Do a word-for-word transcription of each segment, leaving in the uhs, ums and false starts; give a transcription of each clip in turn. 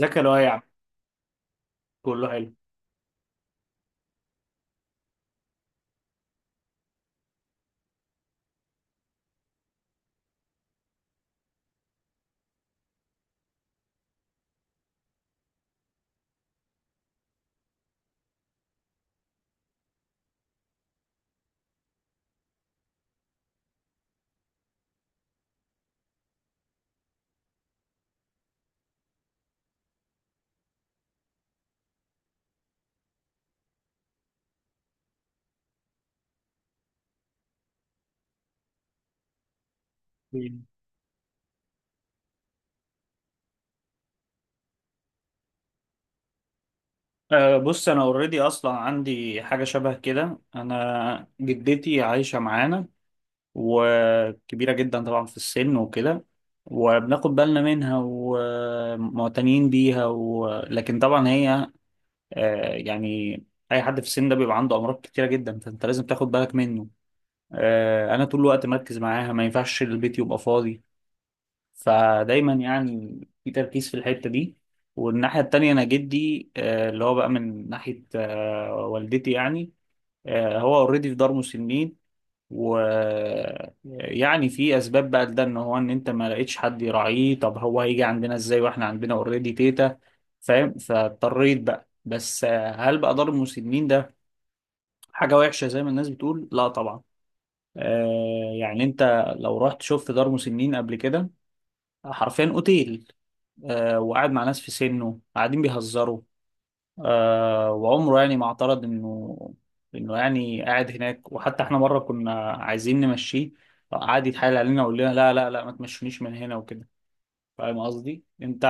ذكي لوايع. كله حلو. مم. أه، بص، انا اوريدي اصلا عندي حاجه شبه كده. انا جدتي عايشه معانا وكبيره جدا طبعا في السن وكده. وبناخد بالنا منها ومعتنيين بيها، و... لكن طبعا هي أه يعني اي حد في السن ده بيبقى عنده امراض كتيره جدا، فانت لازم تاخد بالك منه. أه انا طول الوقت مركز معاها، ما ينفعش البيت يبقى فاضي، فدايما يعني في تركيز في الحتة دي. والناحية التانية أنا جدي، آه، اللي هو بقى من ناحية آه، والدتي يعني، آه، هو اوريدي في دار مسنين. ويعني في أسباب بقى لده، إن هو إن أنت ما لقيتش حد يراعيه، طب هو هيجي عندنا إزاي وإحنا عندنا اوريدي تيتا؟ فاهم، فاضطريت بقى. بس آه، هل بقى دار المسنين ده حاجة وحشة زي ما الناس بتقول؟ لا طبعا. آه، يعني أنت لو رحت شفت دار مسنين قبل كده، حرفيا أوتيل. آه، وقاعد مع ناس في سنه قاعدين بيهزروا. آه، وعمره يعني ما اعترض انه انه يعني قاعد هناك. وحتى احنا مره كنا عايزين نمشيه، قعد يتحايل علينا ويقول لنا لا لا لا، ما تمشونيش من هنا وكده. فاهم قصدي انت.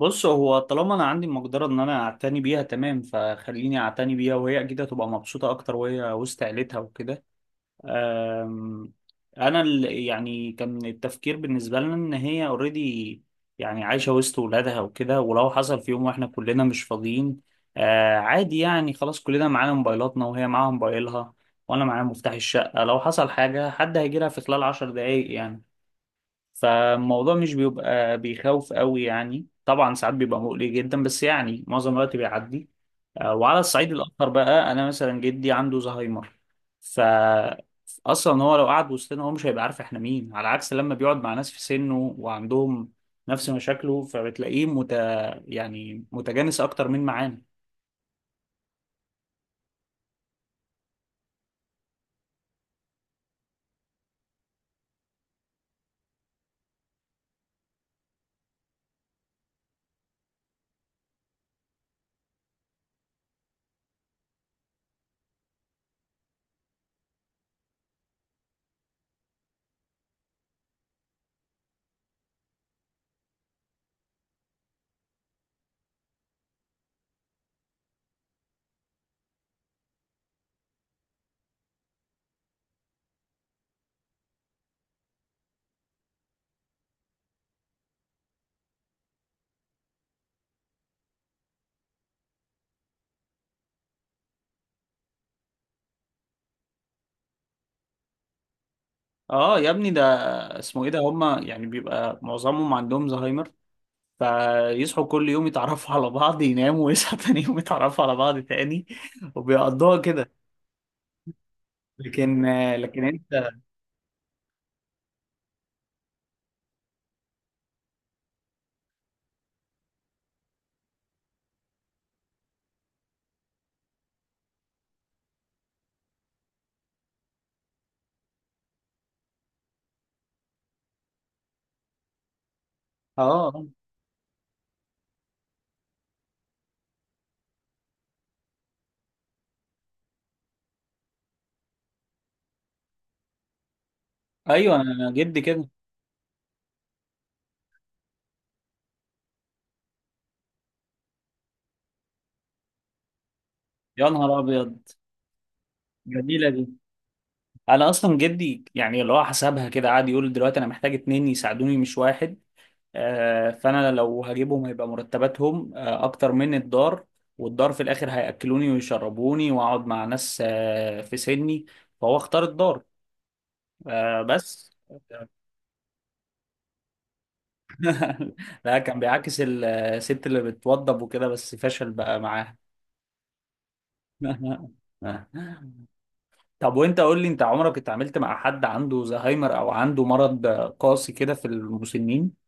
بص، هو طالما انا عندي المقدره ان انا اعتني بيها تمام، فخليني اعتني بيها، وهي اكيد هتبقى مبسوطه اكتر وهي وسط عيلتها وكده. أم، انا ال- يعني كان التفكير بالنسبه لنا ان هي اوريدي يعني عايشه وسط ولادها وكده. ولو حصل في يوم واحنا كلنا مش فاضيين، آه عادي يعني، خلاص كلنا معانا موبايلاتنا وهي معاها موبايلها، وانا معايا مفتاح الشقه. لو حصل حاجه، حد هيجي لها في خلال عشر دقايق يعني. فالموضوع مش بيبقى بيخوف قوي يعني. طبعا ساعات بيبقى مقلق جدا، بس يعني معظم الوقت بيعدي. آه، وعلى الصعيد الآخر بقى، أنا مثلا جدي عنده زهايمر. ف، أصلا هو لو قعد وسطنا هو مش هيبقى عارف إحنا مين، على عكس لما بيقعد مع ناس في سنه وعندهم نفس مشاكله، فبتلاقيه مت... يعني متجانس أكتر من معانا. آه، يا ابني ده اسمه إيه، ده هما يعني بيبقى معظمهم عندهم زهايمر. فيصحوا كل يوم يتعرفوا على بعض، يناموا ويصحوا تاني يوم يتعرفوا على بعض تاني، وبيقضوها كده. لكن لكن انت، اه، ايوه، انا أنا جدي كده. يا نهار ابيض، جميله دي. انا اصلا جدي يعني اللي هو حسبها كده، قعد يقول دلوقتي انا محتاج اتنين يساعدوني مش واحد. آه، فانا لو هجيبهم هيبقى مرتباتهم آه، اكتر من الدار، والدار في الاخر هياكلوني ويشربوني واقعد مع ناس آه، في سني، فهو اختار الدار. آه، بس. لا، كان بيعاكس ال- الست اللي بتوضب وكده، بس فشل بقى معاها. طب وانت قول لي، انت عمرك اتعاملت مع حد عنده زهايمر او عنده مرض قاسي كده في المسنين؟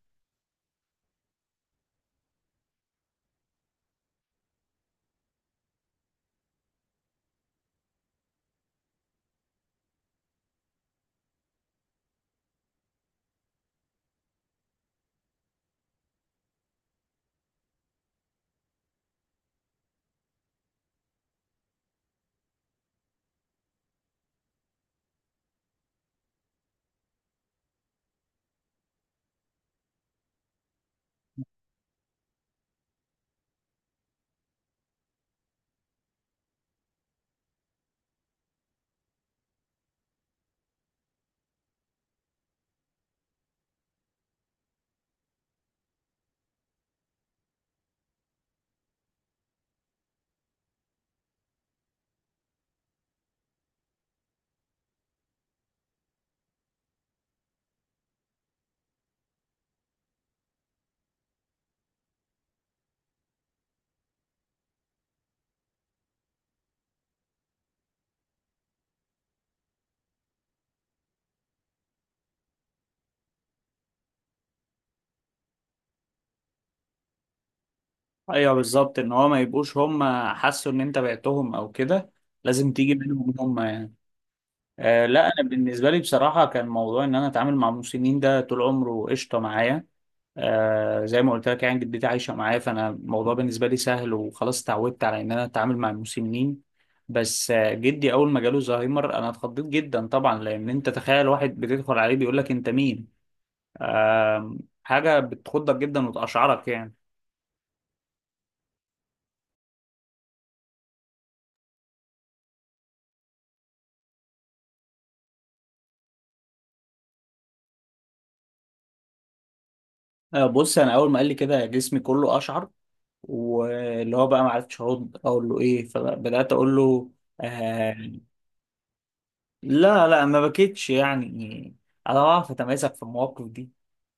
ايوه بالظبط، ان هو ما يبقوش هم حسوا ان انت بعتهم او كده، لازم تيجي منهم هم يعني. آه، لا انا بالنسبه لي بصراحه كان موضوع ان انا اتعامل مع المسنين ده طول عمره قشطه معايا. آه، زي ما قلت لك يعني، جدتي عايشة معايا فأنا الموضوع بالنسبة لي سهل، وخلاص اتعودت على إن أنا أتعامل مع المسنين. بس آه، جدي أول ما جاله زهايمر أنا اتخضيت جدا طبعا، لأن أنت تخيل واحد بتدخل عليه بيقول لك أنت مين؟ آه، حاجة بتخضك جدا وتقشعرك يعني. آه، بص أنا أول ما قال لي كده جسمي كله أشعر. واللي هو بقى ما عرفتش أرد أقول له إيه، فبدأت أقول له آه. لا لا ما بكيتش يعني، أنا بعرف أتماسك في المواقف دي.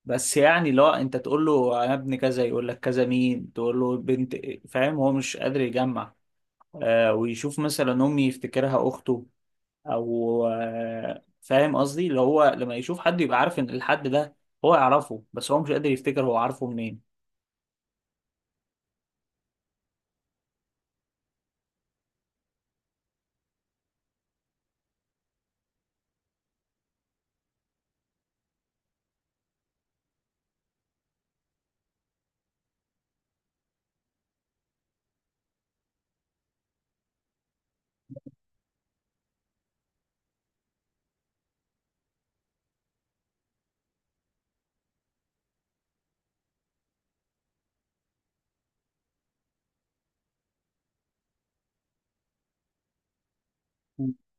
بس يعني، لا انت تقول له انا ابن كذا يقول لك كذا مين، تقول له بنت. فاهم، هو مش قادر يجمع. آه، ويشوف مثلا امي يفتكرها اخته او آه فاهم قصدي، اللي هو لما يشوف حد يبقى عارف ان الحد ده هو يعرفه، بس هو مش قادر يفتكر هو عارفه منين.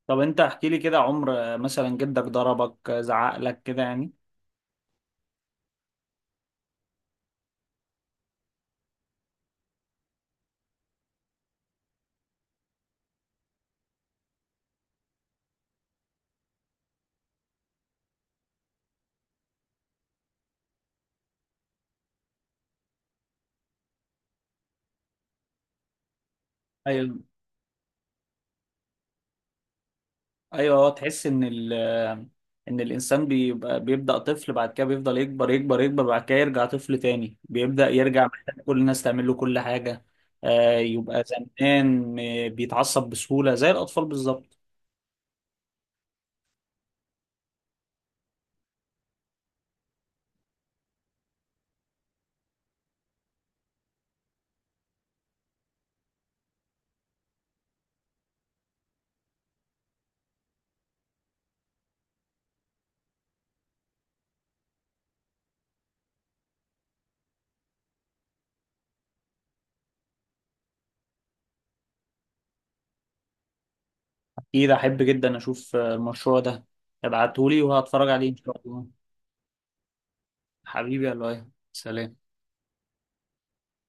طب انت احكي لي كده، عمر آه، مثلا جدك ضربك، آه، زعق لك كده يعني؟ ايوه ايوه، هو تحس ان ال ان الانسان بيبقى بيبدا طفل، بعد كده بيفضل يكبر يكبر يكبر، بعد كده يرجع طفل تاني، بيبدا يرجع محتاج كل الناس تعمل له كل حاجه. آه، يبقى زمان آه، بيتعصب بسهوله زي الاطفال بالظبط. اكيد، احب جدا اشوف آه، المشروع ده، ابعتهولي وهتفرج عليه ان شاء الله. حبيبي يا لؤي، سلام.